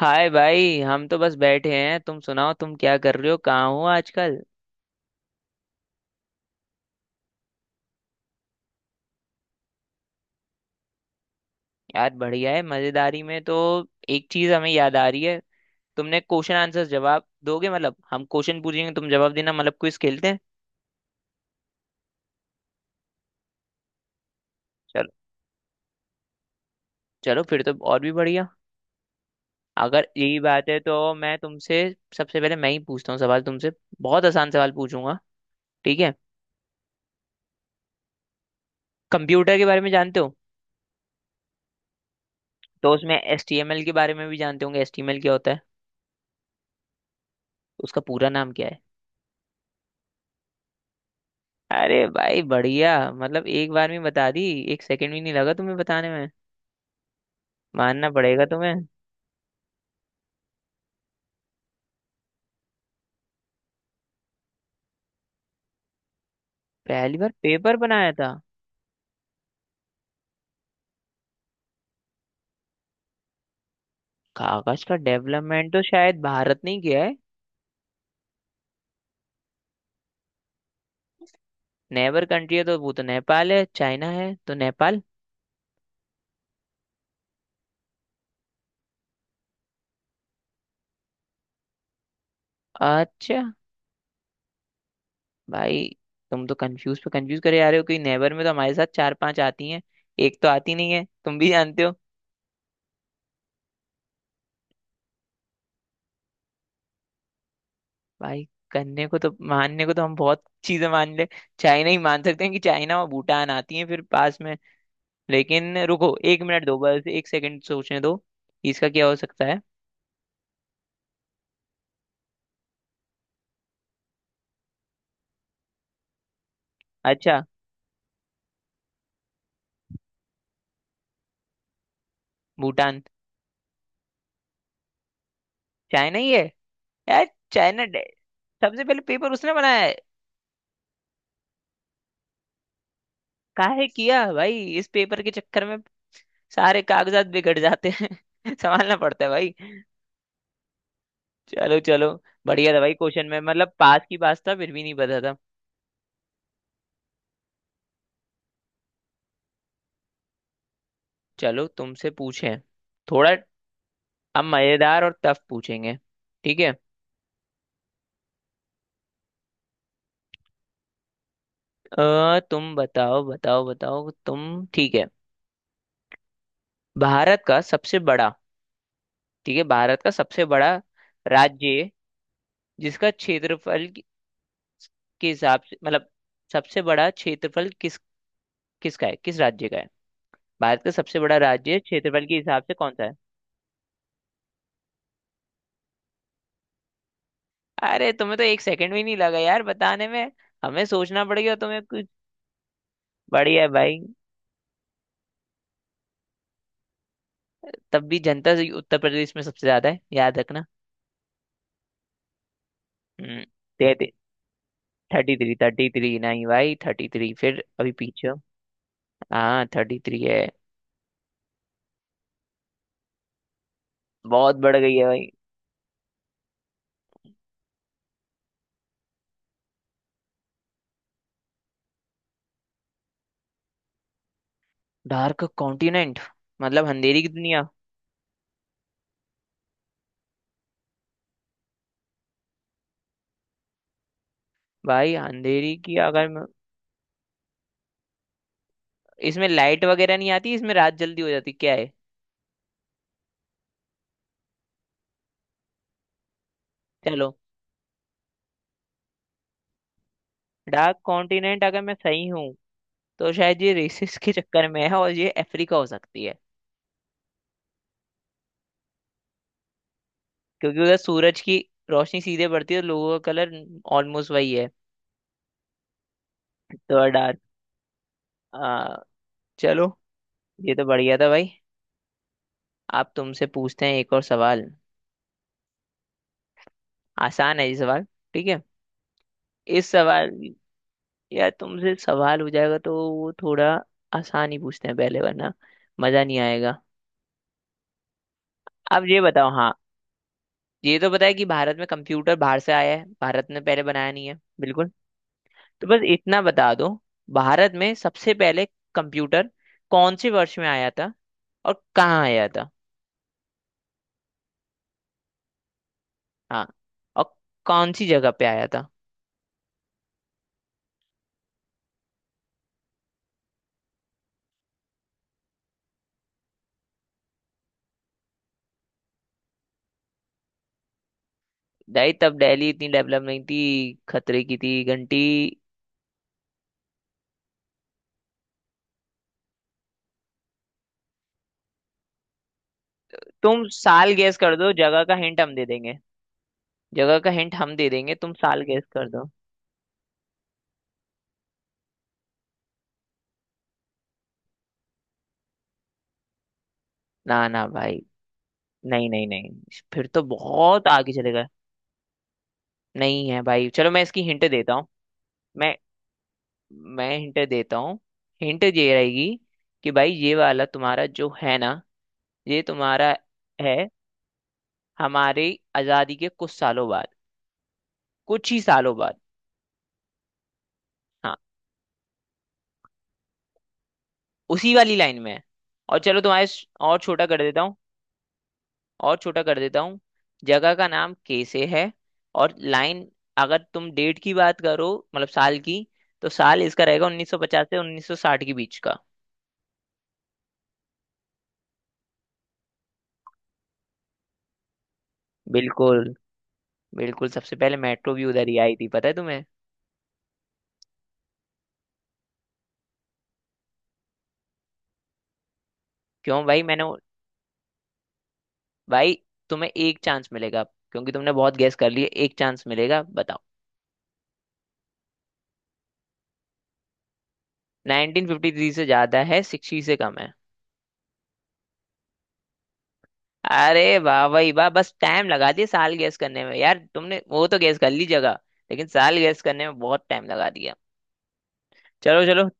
हाय भाई, हम तो बस बैठे हैं। तुम सुनाओ, तुम क्या कर रहे हो, कहाँ हो आजकल। यार बढ़िया है। मजेदारी में तो एक चीज हमें याद आ रही है। तुमने क्वेश्चन आंसर जवाब दोगे? मतलब हम क्वेश्चन पूछेंगे, तुम जवाब देना। मतलब क्विज खेलते हैं। चलो। चलो फिर तो और भी बढ़िया। अगर यही बात है तो मैं तुमसे, सबसे पहले मैं ही पूछता हूँ सवाल तुमसे। बहुत आसान सवाल पूछूंगा। ठीक है? कंप्यूटर के बारे में जानते हो? तो उसमें एच टी एम एल के बारे में भी जानते होंगे। एच टी एम एल क्या होता है? उसका पूरा नाम क्या है? अरे भाई बढ़िया, मतलब एक बार में बता दी। एक सेकंड भी नहीं लगा तुम्हें बताने में। मानना पड़ेगा तुम्हें। पहली बार पेपर बनाया था? कागज का डेवलपमेंट तो शायद भारत ने ही किया है। नेबर कंट्री है तो वो तो नेपाल है, चाइना है। तो नेपाल। अच्छा। भाई, तुम तो कंफ्यूज पे कंफ्यूज करे जा रहे हो। कि नेबर में तो हमारे साथ चार पांच आती हैं। एक तो आती नहीं है, तुम भी जानते हो। भाई करने को तो, मानने को तो हम बहुत चीजें मान ले। चाइना ही मान सकते हैं, कि चाइना और भूटान आती हैं फिर पास में। लेकिन रुको एक मिनट दो, बस एक सेकंड सोचने दो। इसका क्या हो सकता है? अच्छा। भूटान। चाइना ही है। यार। चाइना डे- सबसे पहले पेपर उसने बनाया है। काहे किया भाई इस पेपर के चक्कर में। सारे कागजात बिगड़ जाते हैं संभालना पड़ता है भाई। चलो चलो। बढ़िया था भाई क्वेश्चन में, मतलब पास की पास था फिर भी नहीं पता था। चलो तुमसे पूछे, थोड़ा अब मजेदार और टफ पूछेंगे। ठीक है? तुम बताओ बताओ बताओ। तुम ठीक है? भारत का सबसे बड़ा। ठीक है, भारत का सबसे बड़ा राज्य है, जिसका के हिसाब से, मतलब सबसे बड़ा क्षेत्रफल किसका है, किस राज्य का है। भारत का सबसे बड़ा राज्य क्षेत्रफल के हिसाब से कौन सा है? अरे तुम्हें तो एक सेकंड भी नहीं लगा यार बताने में। हमें सोचना पड़ गया, तुम्हें कुछ। बढ़िया है भाई। तब भी जनता से उत्तर प्रदेश में सबसे ज्यादा है, याद रखना। हम्म। थर्टी थ्री, थर्टी थ्री नहीं भाई, थर्टी थ्री फिर अभी पीछे हो। हाँ थर्टी थ्री है। बहुत बढ़ गई है भाई। डार्क कॉन्टिनेंट मतलब अंधेरी की दुनिया। भाई अंधेरी की अगर मैं- इसमें लाइट वगैरह नहीं आती, इसमें रात जल्दी हो जाती क्या है? चलो। डार्क कॉन्टिनेंट अगर मैं सही हूँ, तो शायद ये रेसिस के चक्कर में है और ये अफ्रीका हो सकती है। क्योंकि उधर सूरज की रोशनी सीधे पड़ती है और लोगों का कलर ऑलमोस्ट वही है। तो डार्क। आ, चलो। ये तो बढ़िया था भाई। आप तुमसे पूछते हैं एक और सवाल। आसान है ये सवाल। ठीक है? इस सवाल, यार तुमसे सवाल हो जाएगा तो वो थोड़ा आसान ही पूछते हैं पहले, वरना मजा नहीं आएगा। अब ये बताओ। हाँ। ये तो पता है कि भारत में कंप्यूटर बाहर से आया है, भारत ने पहले बनाया नहीं है बिल्कुल। तो बस इतना बता दो, भारत में सबसे पहले कंप्यूटर कौन से वर्ष में आया था और कहाँ आया था। हाँ और कौन सी जगह पे आया था। दाई, तब दिल्ली इतनी डेवलप नहीं थी, खतरे की थी घंटी। तुम साल गैस कर दो, जगह का हिंट हम दे देंगे। जगह का हिंट हम दे देंगे, तुम साल गैस कर दो। ना ना भाई। नहीं नहीं नहीं, फिर तो बहुत आगे चले गए। नहीं है भाई, चलो मैं इसकी हिंट देता हूँ। मैं मैं हिंट देता हूँ। हिंट ये रहेगी, कि भाई ये वाला तुम्हारा जो है ना, ये तुम्हारा है। हमारी आज़ादी के कुछ सालों बाद, कुछ ही सालों बाद। हाँ, उसी वाली लाइन में है। और छोटा कर देता हूँ। और छोटा कर देता हूँ। जगह का नाम के से है। और लाइन, अगर तुम डेट की बात करो, मतलब साल की, तो साल इसका रहेगा 1950 से 1960 के बीच का। बिल्कुल बिल्कुल। सबसे पहले मेट्रो भी उधर ही आई थी, पता है तुम्हें? क्यों भाई मैंने वो- भाई तुम्हें एक चांस मिलेगा। क्योंकि तुमने बहुत गैस कर लिए, एक चांस मिलेगा, बताओ। 1953 से ज्यादा है, 60 से कम है। अरे वाह भाई वाह, बस टाइम लगा दिया साल गैस करने में यार। तुमने वो तो गैस कर ली जगह, लेकिन साल गैस करने में बहुत टाइम लगा दिया। चलो चलो।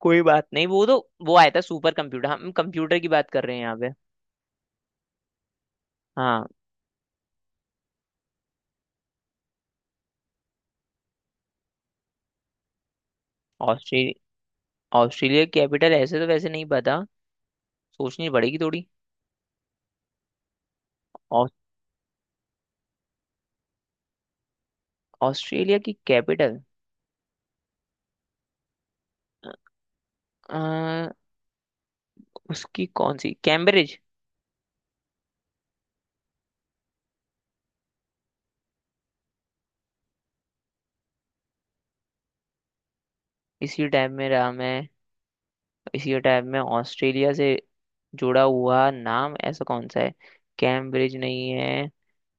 कोई बात नहीं। वो तो, वो आया था सुपर कंप्यूटर, हम कंप्यूटर की बात कर रहे हैं यहाँ पे। हाँ। ऑस्ट्रेलिया। ऑस्ट्रेलिया कैपिटल ऐसे तो वैसे नहीं पता, सोचनी पड़ेगी थोड़ी। ऑस- ऑस्ट्रेलिया की कैपिटल। अ, उसकी कौन सी, कैम्ब्रिज? इसी टाइप में रहा मैं, इसी टाइप में। ऑस्ट्रेलिया से जुड़ा हुआ नाम ऐसा कौन सा है? कैम्ब्रिज नहीं है।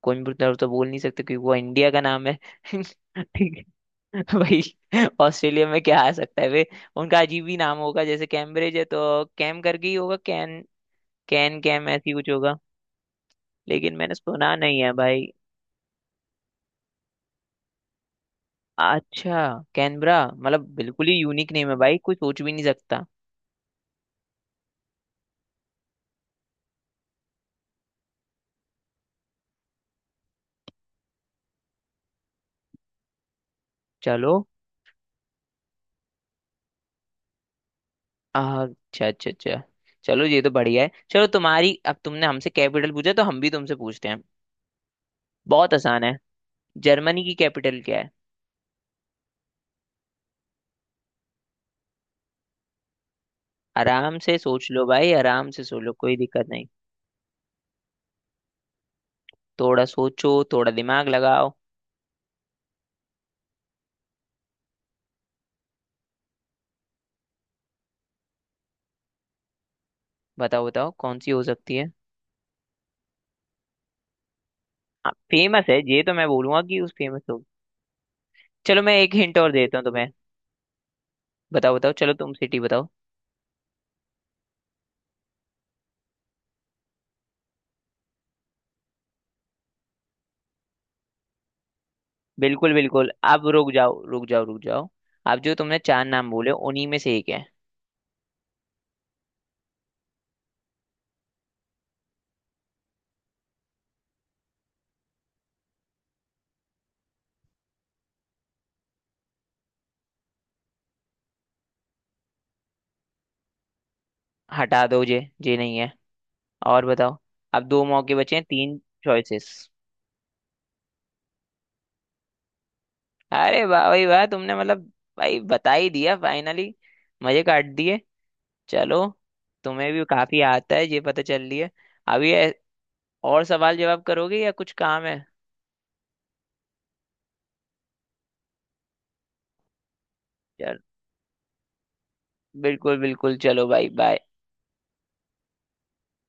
कोयम्बटूर तो बोल नहीं सकते, क्योंकि वो इंडिया का नाम है ठीक। भाई ऑस्ट्रेलिया में क्या आ सकता है वे। उनका अजीब ही नाम होगा, जैसे कैम्ब्रिज है, तो कैम करके ही होगा। कैन कैन कैम ऐसी कुछ होगा। लेकिन मैंने सुना नहीं है भाई। अच्छा। कैनबरा मतलब बिल्कुल ही यूनिक नेम है भाई, कोई सोच भी नहीं सकता। चलो। अच्छा अच्छा अच्छा। चलो ये तो बढ़िया है। चलो तुम्हारी, अब तुमने हमसे कैपिटल पूछा तो हम भी तुमसे पूछते हैं। बहुत आसान है। जर्मनी की कैपिटल क्या है? आराम से सोच लो भाई, आराम से सोच लो, कोई दिक्कत नहीं। थोड़ा सोचो, थोड़ा दिमाग लगाओ। बताओ बताओ कौन सी हो सकती है। फेमस है ये तो, मैं बोलूंगा कि उस फेमस हो। चलो मैं एक हिंट और देता हूँ तुम्हें। बताओ बताओ, चलो तुम सिटी बताओ। बिल्कुल बिल्कुल, अब रुक जाओ रुक जाओ रुक जाओ। अब जो तुमने चार नाम बोले उन्हीं में से एक है। हटा दो ये नहीं है। और बताओ। अब दो मौके बचे हैं, तीन चॉइसेस। अरे वाह भाई वाह, तुमने मतलब, भाई बता ही दिया फाइनली। मजे काट दिए। चलो। तुम्हें भी काफी आता है ये पता चल रही है। अभी ऐ- और सवाल जवाब करोगे या कुछ काम है? बिल्कुल बिल्कुल चलो भाई बाय।